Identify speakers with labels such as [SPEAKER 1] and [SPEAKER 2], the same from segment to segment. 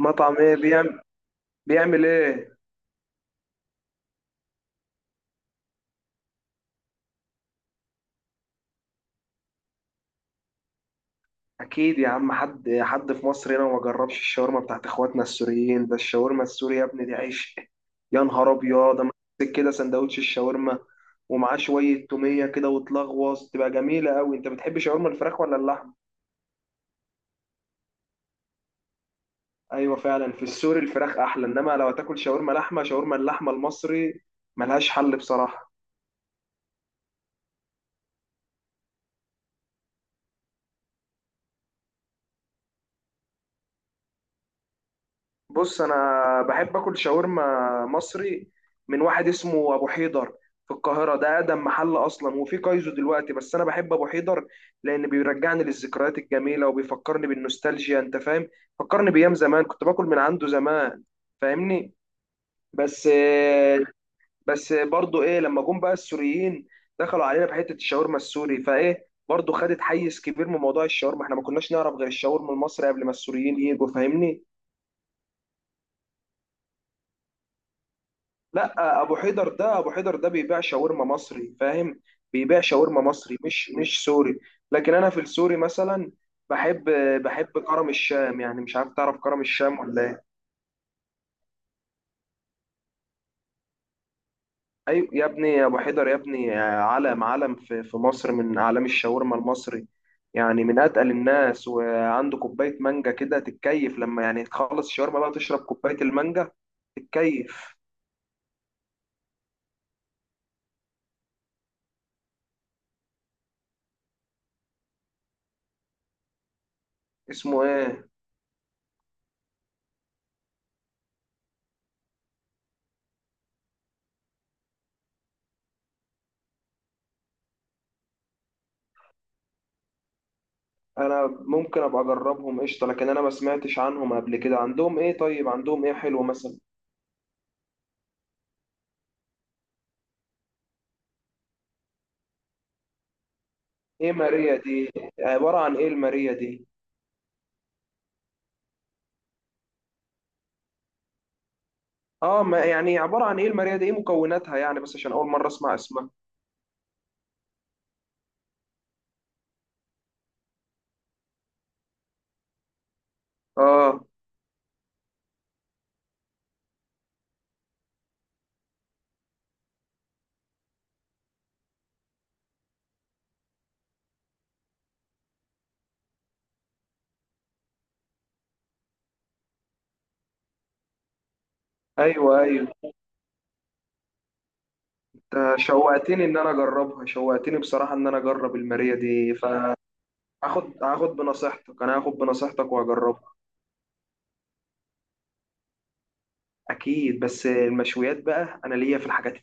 [SPEAKER 1] مطعم ايه بيعمل؟ بيعمل ايه؟ اكيد يا عم، حد في مصر هنا ما جربش الشاورما بتاعت اخواتنا السوريين. ده الشاورما السوري يا ابني دي عيش. يا نهار ابيض، اما تمسك كده سندوتش الشاورما ومعاه شويه توميه كده وتلغوص، تبقى جميله قوي. انت بتحب شاورما الفراخ ولا اللحمه؟ ايوه فعلا في السوري الفراخ احلى، انما لو هتاكل شاورما لحمه، شاورما اللحمه المصري ملهاش حل بصراحه. بص، انا بحب اكل شاورما مصري من واحد اسمه ابو حيدر في القاهره. ده اقدم محل اصلا، وفي كايزو دلوقتي، بس انا بحب ابو حيدر لان بيرجعني للذكريات الجميله وبيفكرني بالنوستالجيا. انت فاهم؟ فكرني بايام زمان كنت باكل من عنده زمان. فاهمني؟ بس بس برضو ايه، لما جم بقى السوريين دخلوا علينا بحته الشاورما السوري، فايه برضو خدت حيز كبير من موضوع الشاورما. احنا ما كناش نعرف غير الشاورما المصري قبل ما السوريين يجوا، فاهمني؟ لا، ابو حيدر ده بيبيع شاورما مصري، فاهم؟ بيبيع شاورما مصري، مش سوري. لكن انا في السوري مثلا بحب، بحب كرم الشام. يعني مش عارف، تعرف كرم الشام ولا ايه؟ ايوه يا ابني، يا ابو حيدر يا ابني، علم في مصر، من اعلام الشاورما المصري. يعني من اتقل الناس، وعنده كوبايه مانجا كده تتكيف، لما يعني تخلص الشاورما بقى تشرب كوبايه المانجا تتكيف. اسمه ايه؟ انا ممكن ابقى اجربهم قشطه، لكن انا ما سمعتش عنهم قبل كده. عندهم ايه طيب؟ عندهم ايه حلو مثلا؟ ايه ماريا دي؟ عباره عن ايه الماريا دي؟ اه، ما يعني عباره عن ايه الماريا دي؟ ايه مكوناتها يعني؟ بس عشان اول مره اسمع اسمها. اه، ايوه ايوه. أنت شوقتني ان انا اجربها، شوقتني بصراحه ان انا اجرب الماريا دي. فهاخد، هاخد بنصيحتك، انا هاخد بنصيحتك واجربها. اكيد، بس المشويات بقى انا ليا في الحاجات.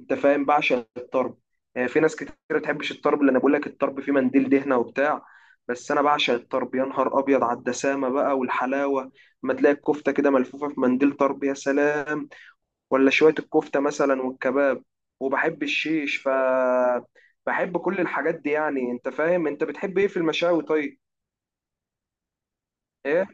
[SPEAKER 1] انت فاهم؟ بعشق الطرب. في ناس كتير ما بتحبش الطرب، لان انا بقول لك الطرب فيه منديل دهنه وبتاع، بس انا بعشق الطرب. يا نهار ابيض على الدسامه بقى والحلاوه، ما تلاقي الكفته كده ملفوفه في منديل طرب، يا سلام. ولا شويه الكفته مثلا والكباب، وبحب الشيش. بحب كل الحاجات دي يعني. انت فاهم؟ انت بتحب ايه في المشاوي طيب؟ ايه؟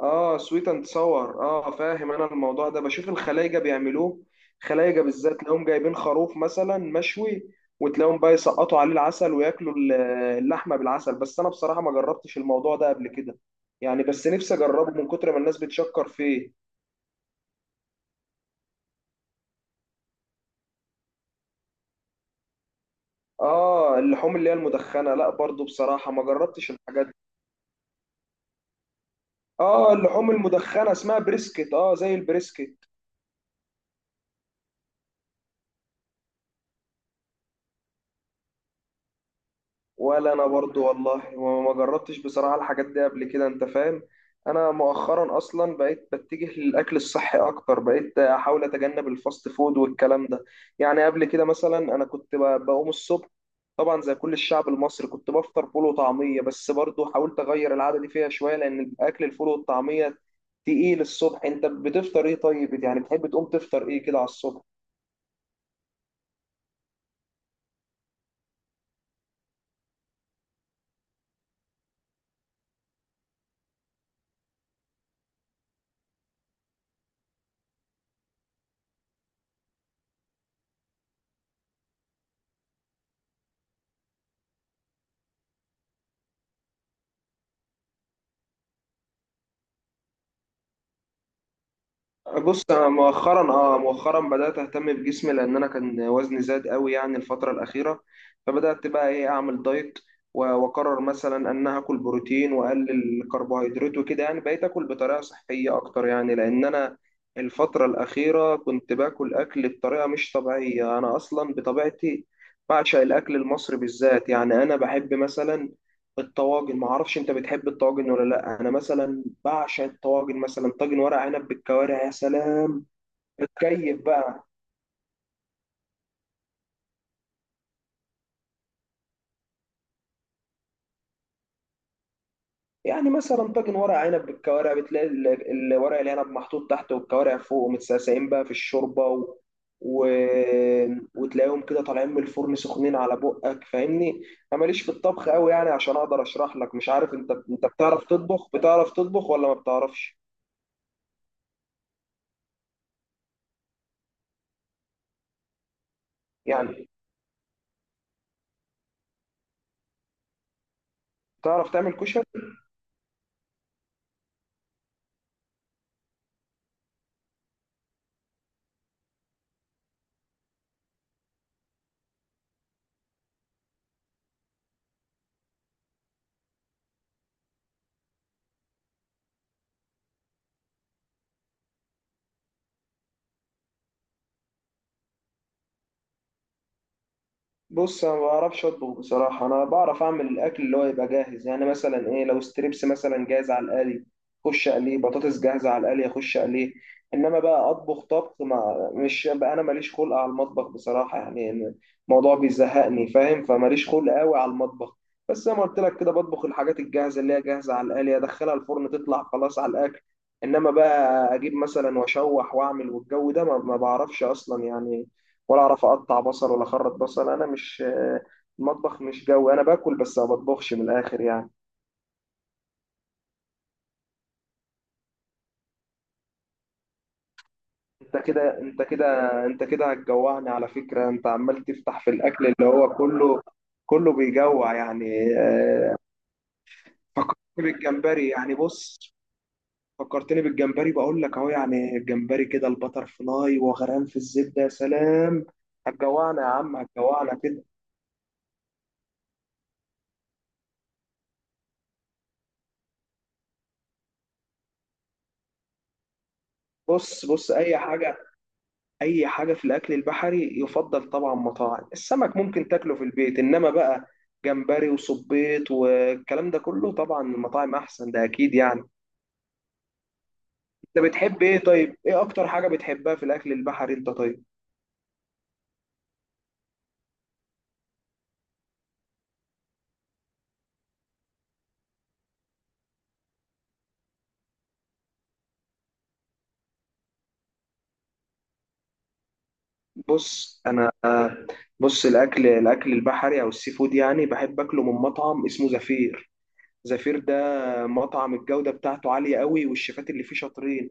[SPEAKER 1] اه، سويت اند صور. اه فاهم، انا الموضوع ده بشوف الخلايجه بيعملوه. خلايجه بالذات تلاقيهم جايبين خروف مثلا مشوي، وتلاقيهم بقى يسقطوا عليه العسل وياكلوا اللحمه بالعسل. بس انا بصراحه ما جربتش الموضوع ده قبل كده، يعني بس نفسي اجربه من كتر ما الناس بتشكر فيه. اه، اللحوم اللي هي المدخنه، لا برضو بصراحه ما جربتش الحاجات دي. اه، اللحوم المدخنه اسمها بريسكت، اه زي البريسكت. ولا انا برضو والله، وما جربتش بصراحة الحاجات دي قبل كده. انت فاهم؟ انا مؤخرا اصلا بقيت بتجه للاكل الصحي اكتر، بقيت احاول اتجنب الفاست فود والكلام ده. يعني قبل كده مثلا انا كنت بقوم الصبح طبعا زي كل الشعب المصري كنت بفطر فول وطعمية، بس برضو حاولت اغير العادة دي فيها شوية، لان اكل الفول والطعمية تقيل الصبح. انت بتفطر ايه طيب؟ يعني بتحب تقوم تفطر ايه كده على الصبح؟ بص، انا مؤخرا، مؤخرا بدات اهتم بجسمي لان انا كان وزني زاد قوي يعني الفتره الاخيره، فبدات بقى ايه اعمل دايت، واقرر مثلا ان أنا هاكل بروتين واقلل الكربوهيدرات وكده. يعني بقيت اكل بطريقه صحيه اكتر، يعني لان انا الفتره الاخيره كنت باكل اكل بطريقه مش طبيعيه. انا اصلا بطبيعتي بعشق الاكل المصري بالذات. يعني انا بحب مثلا الطواجن، ما اعرفش انت بتحب الطواجن ولا لا. انا مثلا بعشق الطواجن، مثلا طاجن ورق عنب بالكوارع، يا سلام، بتكيف بقى. يعني مثلا طاجن ورق عنب بالكوارع بتلاقي ورق العنب محطوط تحت والكوارع فوق متسقسقين بقى في الشوربه، و... و... وتلاقيهم كده طالعين من الفرن سخنين على بقك. فاهمني؟ انا ماليش في الطبخ قوي يعني عشان اقدر اشرح لك. مش عارف انت، بتعرف تطبخ، بتعرف تطبخ ولا ما بتعرفش يعني؟ بتعرف تعمل كشري؟ بص، انا ما بعرفش اطبخ بصراحه. انا بعرف اعمل الاكل اللي هو يبقى جاهز، يعني مثلا ايه، لو ستريبس مثلا جاهز على القلي اخش اقليه، بطاطس جاهزه على القلي اخش اقليه. انما بقى اطبخ طبخ، ما مش بقى، انا ماليش خلق على المطبخ بصراحه يعني. الموضوع بيزهقني، فاهم؟ فماليش خلق قوي على المطبخ. بس زي ما قلت لك كده، بطبخ الحاجات الجاهزه اللي هي جاهزه على القلي، ادخلها الفرن تطلع خلاص على الاكل. انما بقى اجيب مثلا واشوح واعمل والجو ده، ما بعرفش اصلا يعني. ولا اعرف اقطع بصل، ولا اخرط بصل. انا مش، المطبخ مش جوي، انا باكل بس ما بطبخش، من الاخر يعني. انت كده انت كده انت كده هتجوعني على فكرة. انت عمال تفتح في الاكل، اللي هو كله بيجوع يعني. فكرتني بالجمبري، يعني بص، فكرتني بالجمبري بقول لك اهو. يعني الجمبري كده البتر فلاي وغرقان في الزبدة، يا سلام. هتجوعنا يا عم، هتجوعنا كده. بص اي حاجة، اي حاجه في الاكل البحري يفضل طبعا مطاعم السمك، ممكن تاكله في البيت، انما بقى جمبري وصبيط والكلام ده كله طبعا المطاعم احسن، ده اكيد يعني. انت بتحب ايه طيب؟ ايه اكتر حاجه بتحبها في الاكل البحري انت طيب؟ بص انا، بص الاكل، الاكل البحري او السي فود يعني، بحب اكله من مطعم اسمه زفير. زفير ده مطعم الجوده بتاعته عاليه قوي، والشيفات اللي فيه شاطرين،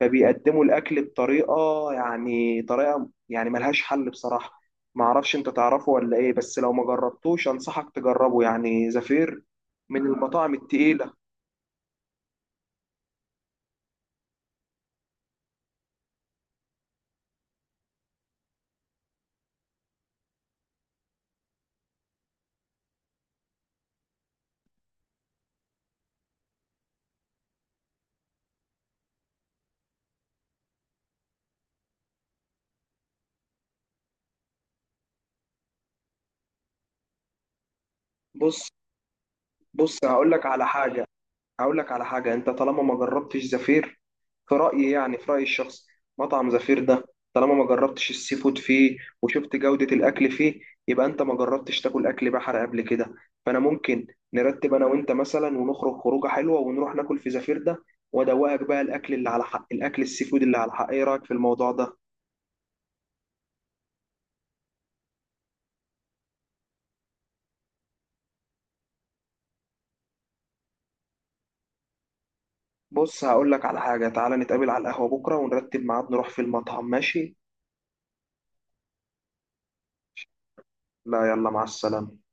[SPEAKER 1] فبيقدموا الاكل بطريقه، يعني طريقه يعني ملهاش حل بصراحه. ما اعرفش انت تعرفه ولا ايه، بس لو ما جربتوش انصحك تجربه. يعني زفير من المطاعم التقيله. بص بص هقول لك على حاجه، هقول لك على حاجة، انت طالما ما جربتش زفير، في رأيي، يعني في رأيي الشخصي، مطعم زفير ده، طالما ما جربتش السي فود فيه وشفت جودة الأكل فيه، يبقى انت ما جربتش تاكل أكل بحر قبل كده. فأنا ممكن نرتب أنا وأنت مثلا، ونخرج خروجة حلوة، ونروح ناكل في زفير ده، وأدوقك بقى الأكل اللي على حق، الأكل السي فود اللي على حق. إيه رأيك في الموضوع ده؟ بص هقول لك على حاجة، تعالى نتقابل على القهوة بكرة ونرتب ميعاد نروح في المطعم، ماشي؟ لا، يلا، مع السلامة.